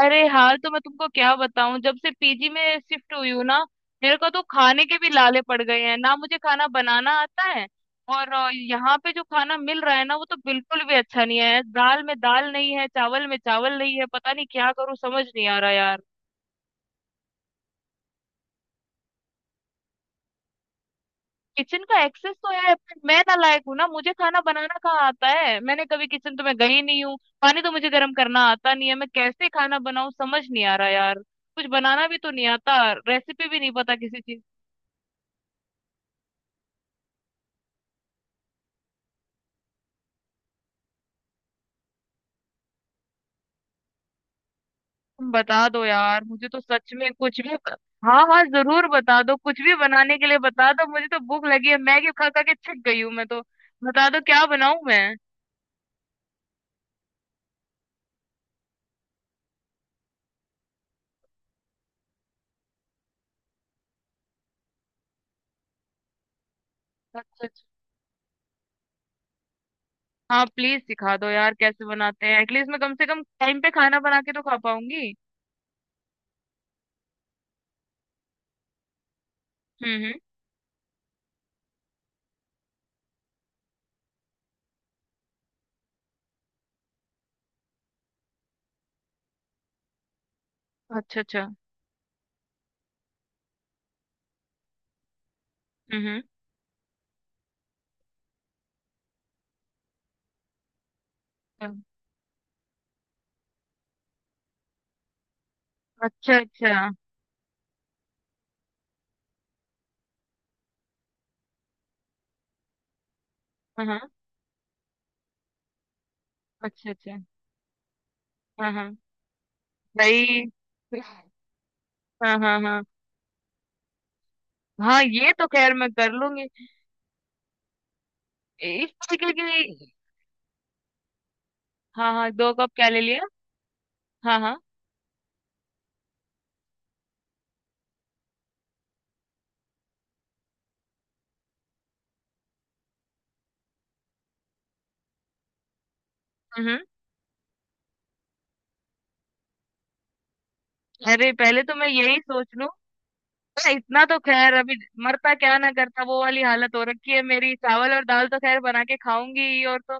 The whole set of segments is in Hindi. अरे हाल तो मैं तुमको क्या बताऊं। जब से पीजी में शिफ्ट हुई हूँ ना, मेरे को तो खाने के भी लाले पड़ गए हैं। ना मुझे खाना बनाना आता है और यहाँ पे जो खाना मिल रहा है ना, वो तो बिल्कुल भी अच्छा नहीं है। दाल में दाल नहीं है, चावल में चावल नहीं है। पता नहीं क्या करूँ, समझ नहीं आ रहा यार। किचन का एक्सेस तो है पर मैं ना लायक हूँ ना, मुझे खाना बनाना कहाँ आता है। मैंने कभी किचन तो मैं गई नहीं हूँ। पानी तो मुझे गर्म करना आता नहीं है, मैं कैसे खाना बनाऊँ? समझ नहीं आ रहा यार। कुछ बनाना भी तो नहीं आता। रेसिपी भी नहीं पता किसी चीज। तुम बता दो यार, मुझे तो सच में कुछ भी। हाँ हाँ, जरूर बता दो, कुछ भी बनाने के लिए बता दो। मुझे तो भूख लगी है, मैगी खा खा के थक गई हूँ मैं तो। बता दो क्या बनाऊं मैं। अच्छा अच्छा। हाँ प्लीज सिखा दो यार, कैसे बनाते हैं? एटलीस्ट मैं कम से कम टाइम पे खाना बना के तो खा पाऊंगी। हम्म। अच्छा अच्छा। हम्म हम्म। अच्छा अच्छा। हाँ हाँ। अच्छा अच्छा। हाँ हाँ। दही। हाँ हाँ हाँ। हाँ ये तो खैर मैं कर लूंगी। इस तरीके की। हाँ हाँ, दो कप क्या ले लिया? हाँ हाँ। हम्म। अरे पहले तो मैं यही सोच लूं। अरे इतना तो खैर अभी। मरता क्या ना करता वो वाली हालत हो रखी है मेरी। चावल और दाल तो खैर बना के खाऊंगी ही, और तो।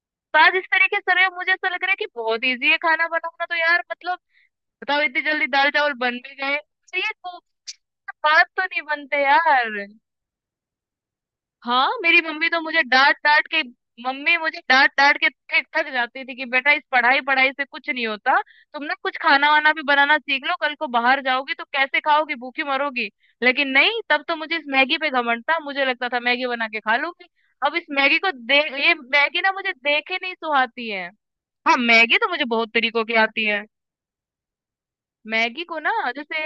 तो आज इस तरीके से रहे हो, मुझे ऐसा लग रहा है कि बहुत इजी है खाना बनाना, तो यार मतलब। बताओ, इतनी जल्दी दाल चावल बन भी गए तो ये तो। बात तो नहीं बनते यार। हाँ मेरी मम्मी तो मुझे डांट डांट के। मम्मी मुझे डांट डांट के थक थक जाती थी कि बेटा इस पढ़ाई पढ़ाई से कुछ नहीं होता। तुम ना कुछ खाना वाना भी बनाना सीख लो, कल को बाहर जाओगी तो कैसे खाओगी? भूखी मरोगी। लेकिन नहीं, तब तो मुझे इस मैगी पे घमंड था, मुझे लगता था मैगी बना के खा लूंगी। अब इस मैगी को दे। ये मैगी ना मुझे देखे नहीं सुहाती है। हाँ मैगी तो मुझे बहुत तरीकों की आती है। मैगी को ना। जैसे।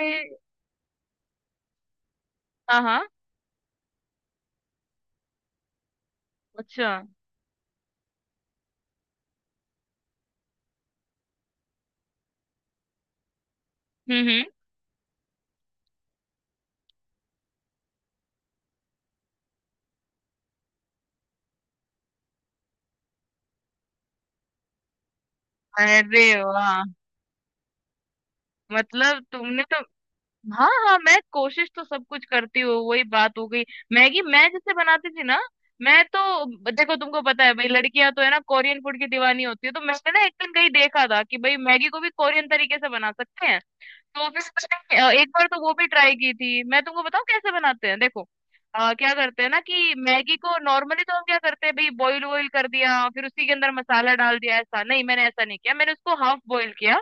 हाँ हाँ। अच्छा। हम्म। अरे वाह। मतलब तुमने तो। हाँ हाँ, मैं कोशिश तो सब कुछ करती हूँ, वही बात हो गई। मैगी मैं जैसे बनाती थी ना। मैं तो। देखो तुमको पता है भाई, लड़कियां तो है ना कोरियन फूड की दीवानी होती है, तो मैंने ना एक दिन कहीं देखा था कि भाई मैगी को भी कोरियन तरीके से बना सकते हैं। तो फिर मैंने एक बार तो वो भी ट्राई की थी। मैं तुमको बताऊँ कैसे बनाते हैं, देखो। क्या करते हैं ना कि मैगी को नॉर्मली तो हम क्या करते हैं भाई, बॉईल वॉईल कर दिया फिर उसी के अंदर मसाला डाल दिया। ऐसा नहीं, मैंने ऐसा नहीं किया, मैंने उसको हाफ बॉईल किया।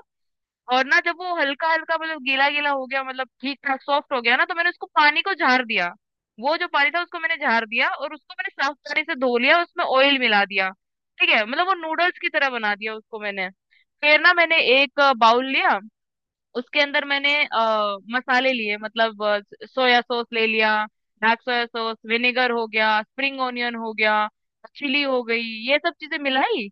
और ना जब वो हल्का हल्का मतलब गीला गीला हो गया, मतलब ठीक ठाक सॉफ्ट हो गया ना, तो मैंने उसको पानी को झाड़ दिया। वो जो पानी था उसको मैंने झाड़ दिया, और उसको मैंने साफ पानी से धो लिया, उसमें ऑयल मिला दिया। ठीक है, मतलब वो नूडल्स की तरह बना दिया उसको मैंने। फिर ना मैंने एक बाउल लिया। उसके अंदर मैंने मसाले लिए, मतलब सोया सॉस ले लिया। डार्क सोया सॉस, विनेगर हो गया, स्प्रिंग ऑनियन हो गया, चिली हो गई, ये सब चीजें मिलाई।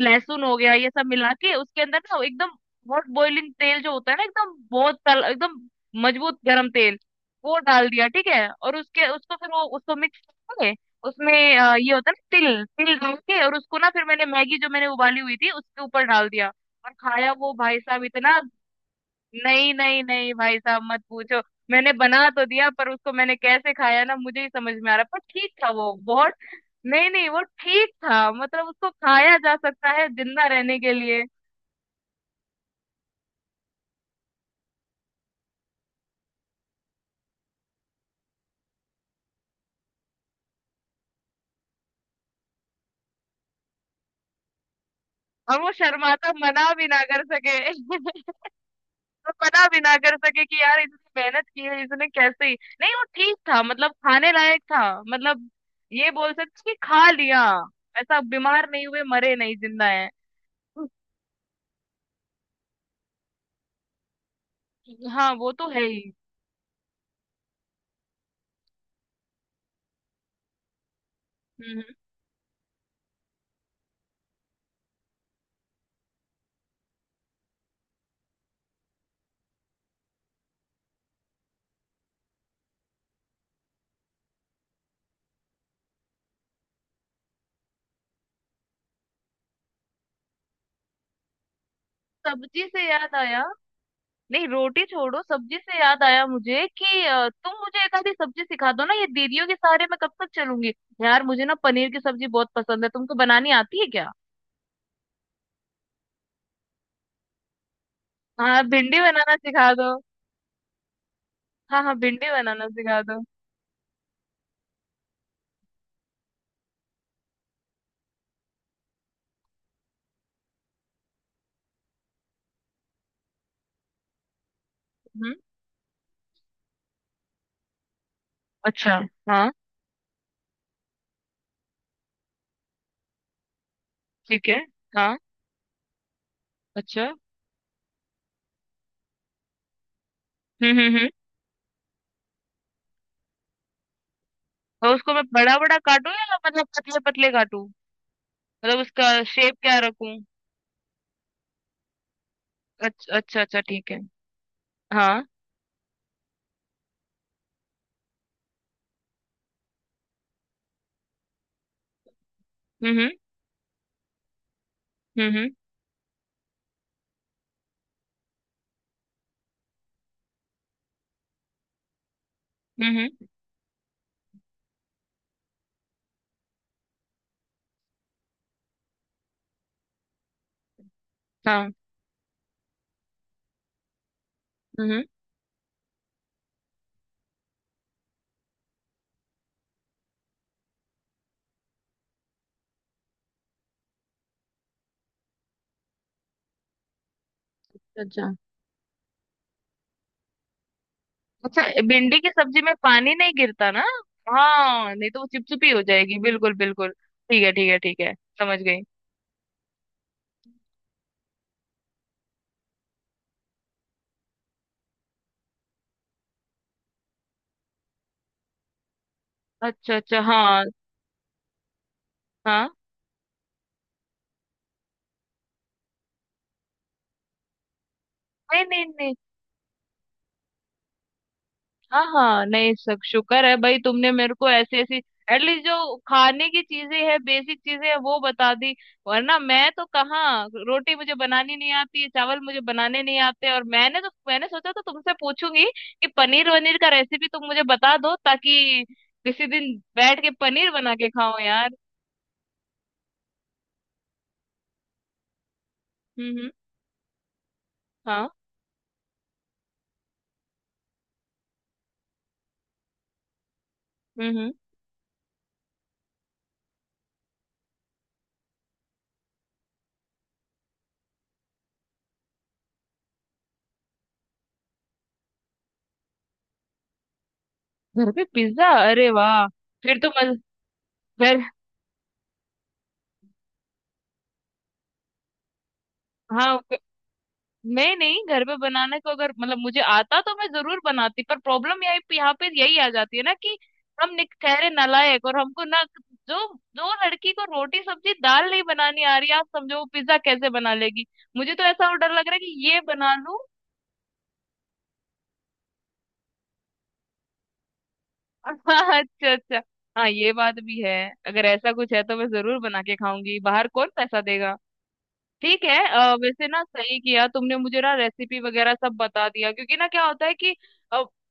लहसुन हो गया, ये सब मिला के उसके अंदर ना एकदम हॉट बॉइलिंग तेल जो होता है ना, एकदम बहुत तल एकदम मजबूत गर्म तेल, वो डाल दिया। ठीक है, और उसके उसको फिर वो उसको मिक्स करके उसमें ये होता है ना तिल, तिल डाल के, और उसको ना फिर मैंने मैगी जो मैंने उबाली हुई थी उसके ऊपर डाल दिया। और खाया वो भाई साहब इतना। नहीं नहीं नहीं भाई साहब, मत पूछो। मैंने बना तो दिया पर उसको मैंने कैसे खाया ना, मुझे ही समझ में आ रहा, पर ठीक था वो बहुत। नहीं नहीं, वो ठीक था, मतलब उसको खाया जा सकता है जिंदा रहने के लिए। और वो शर्माता, मना भी ना कर सके। वो मना भी ना कर सके कि यार इसने मेहनत की है, इसने कैसे ही। नहीं, वो ठीक था, मतलब खाने लायक था। मतलब ये बोल सकते हैं कि खा लिया। ऐसा बीमार नहीं हुए, मरे नहीं, जिंदा है। हाँ वो तो है ही। हम्म हम्म। सब्जी से याद आया। नहीं रोटी छोड़ो, सब्जी से याद आया मुझे कि तुम मुझे एक आधी सब्जी सिखा दो ना, ये दीदियों के सहारे मैं कब तक चलूंगी। यार मुझे ना पनीर की सब्जी बहुत पसंद है, तुमको बनानी आती है क्या? हाँ भिंडी बनाना सिखा दो। हाँ हाँ भिंडी बनाना सिखा दो। हम्म। अच्छा। हाँ। ठीक है। हाँ। अच्छा। हम्म। और उसको मैं बड़ा बड़ा काटूं या मतलब पतले पतले काटूं? मतलब उसका शेप क्या रखूं? अच्छा अच्छा अच्छा ठीक है। हाँ। हम्म हम्म। हम्म हम्म, हाँ। हम्म हम्म, अच्छा अच्छा। भिंडी की सब्जी में पानी नहीं गिरता ना? हाँ नहीं तो वो चिपचिपी हो जाएगी। बिल्कुल बिल्कुल, ठीक है ठीक है ठीक है। समझ गई। अच्छा अच्छा। हाँ हाँ। नहीं नहीं नहीं। हाँ हाँ। नहीं, सब शुक्र है भाई, तुमने मेरे को ऐसी ऐसी एटलीस्ट जो खाने की चीजें है, बेसिक चीजें है वो बता दी। वरना मैं तो कहाँ, रोटी मुझे बनानी नहीं आती है, चावल मुझे बनाने नहीं आते। और मैंने सोचा तो तुमसे पूछूंगी कि पनीर वनीर का रेसिपी तुम मुझे बता दो, ताकि किसी दिन बैठ के पनीर बना के खाओ यार। हम्म। हाँ। हम्म। घर पे पिज्जा, अरे वाह। फिर तो मज फिर। हाँ। मैं नहीं, घर पे बनाने को अगर मतलब मुझे आता तो मैं जरूर बनाती, पर प्रॉब्लम यही यहाँ पे यही आ जाती है ना कि हम ठहरे नालायक और हमको ना। जो जो लड़की को रोटी सब्जी दाल नहीं बनानी आ रही, आप समझो वो पिज्जा कैसे बना लेगी। मुझे तो ऐसा और डर लग रहा है कि ये बना लूं। हाँ, अच्छा अच्छा। हाँ ये बात भी है। अगर ऐसा कुछ है तो मैं जरूर बना के खाऊंगी, बाहर कौन पैसा देगा। ठीक है, वैसे ना सही किया तुमने, मुझे ना रेसिपी वगैरह सब बता दिया, क्योंकि ना क्या होता है कि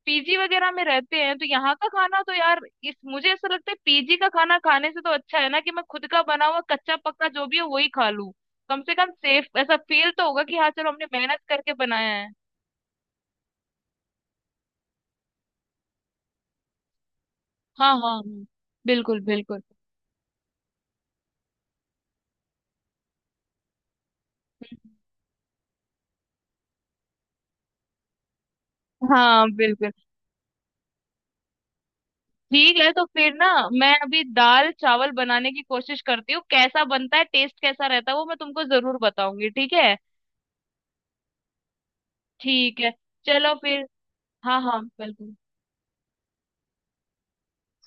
पीजी वगैरह में रहते हैं तो यहाँ का खाना तो यार। इस मुझे ऐसा लगता है पीजी का खाना खाने से तो अच्छा है ना कि मैं खुद का बना हुआ कच्चा पक्का जो भी है वही खा लूं। कम से कम सेफ ऐसा फील तो होगा कि हाँ चलो हमने मेहनत करके बनाया है। हाँ हाँ हाँ, बिल्कुल बिल्कुल। हाँ बिल्कुल। ठीक है तो फिर ना, मैं अभी दाल चावल बनाने की कोशिश करती हूँ, कैसा बनता है टेस्ट कैसा रहता है वो मैं तुमको जरूर बताऊंगी, ठीक है? ठीक है, चलो फिर। हाँ हाँ बिल्कुल।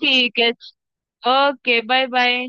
ठीक है। Okay bye bye.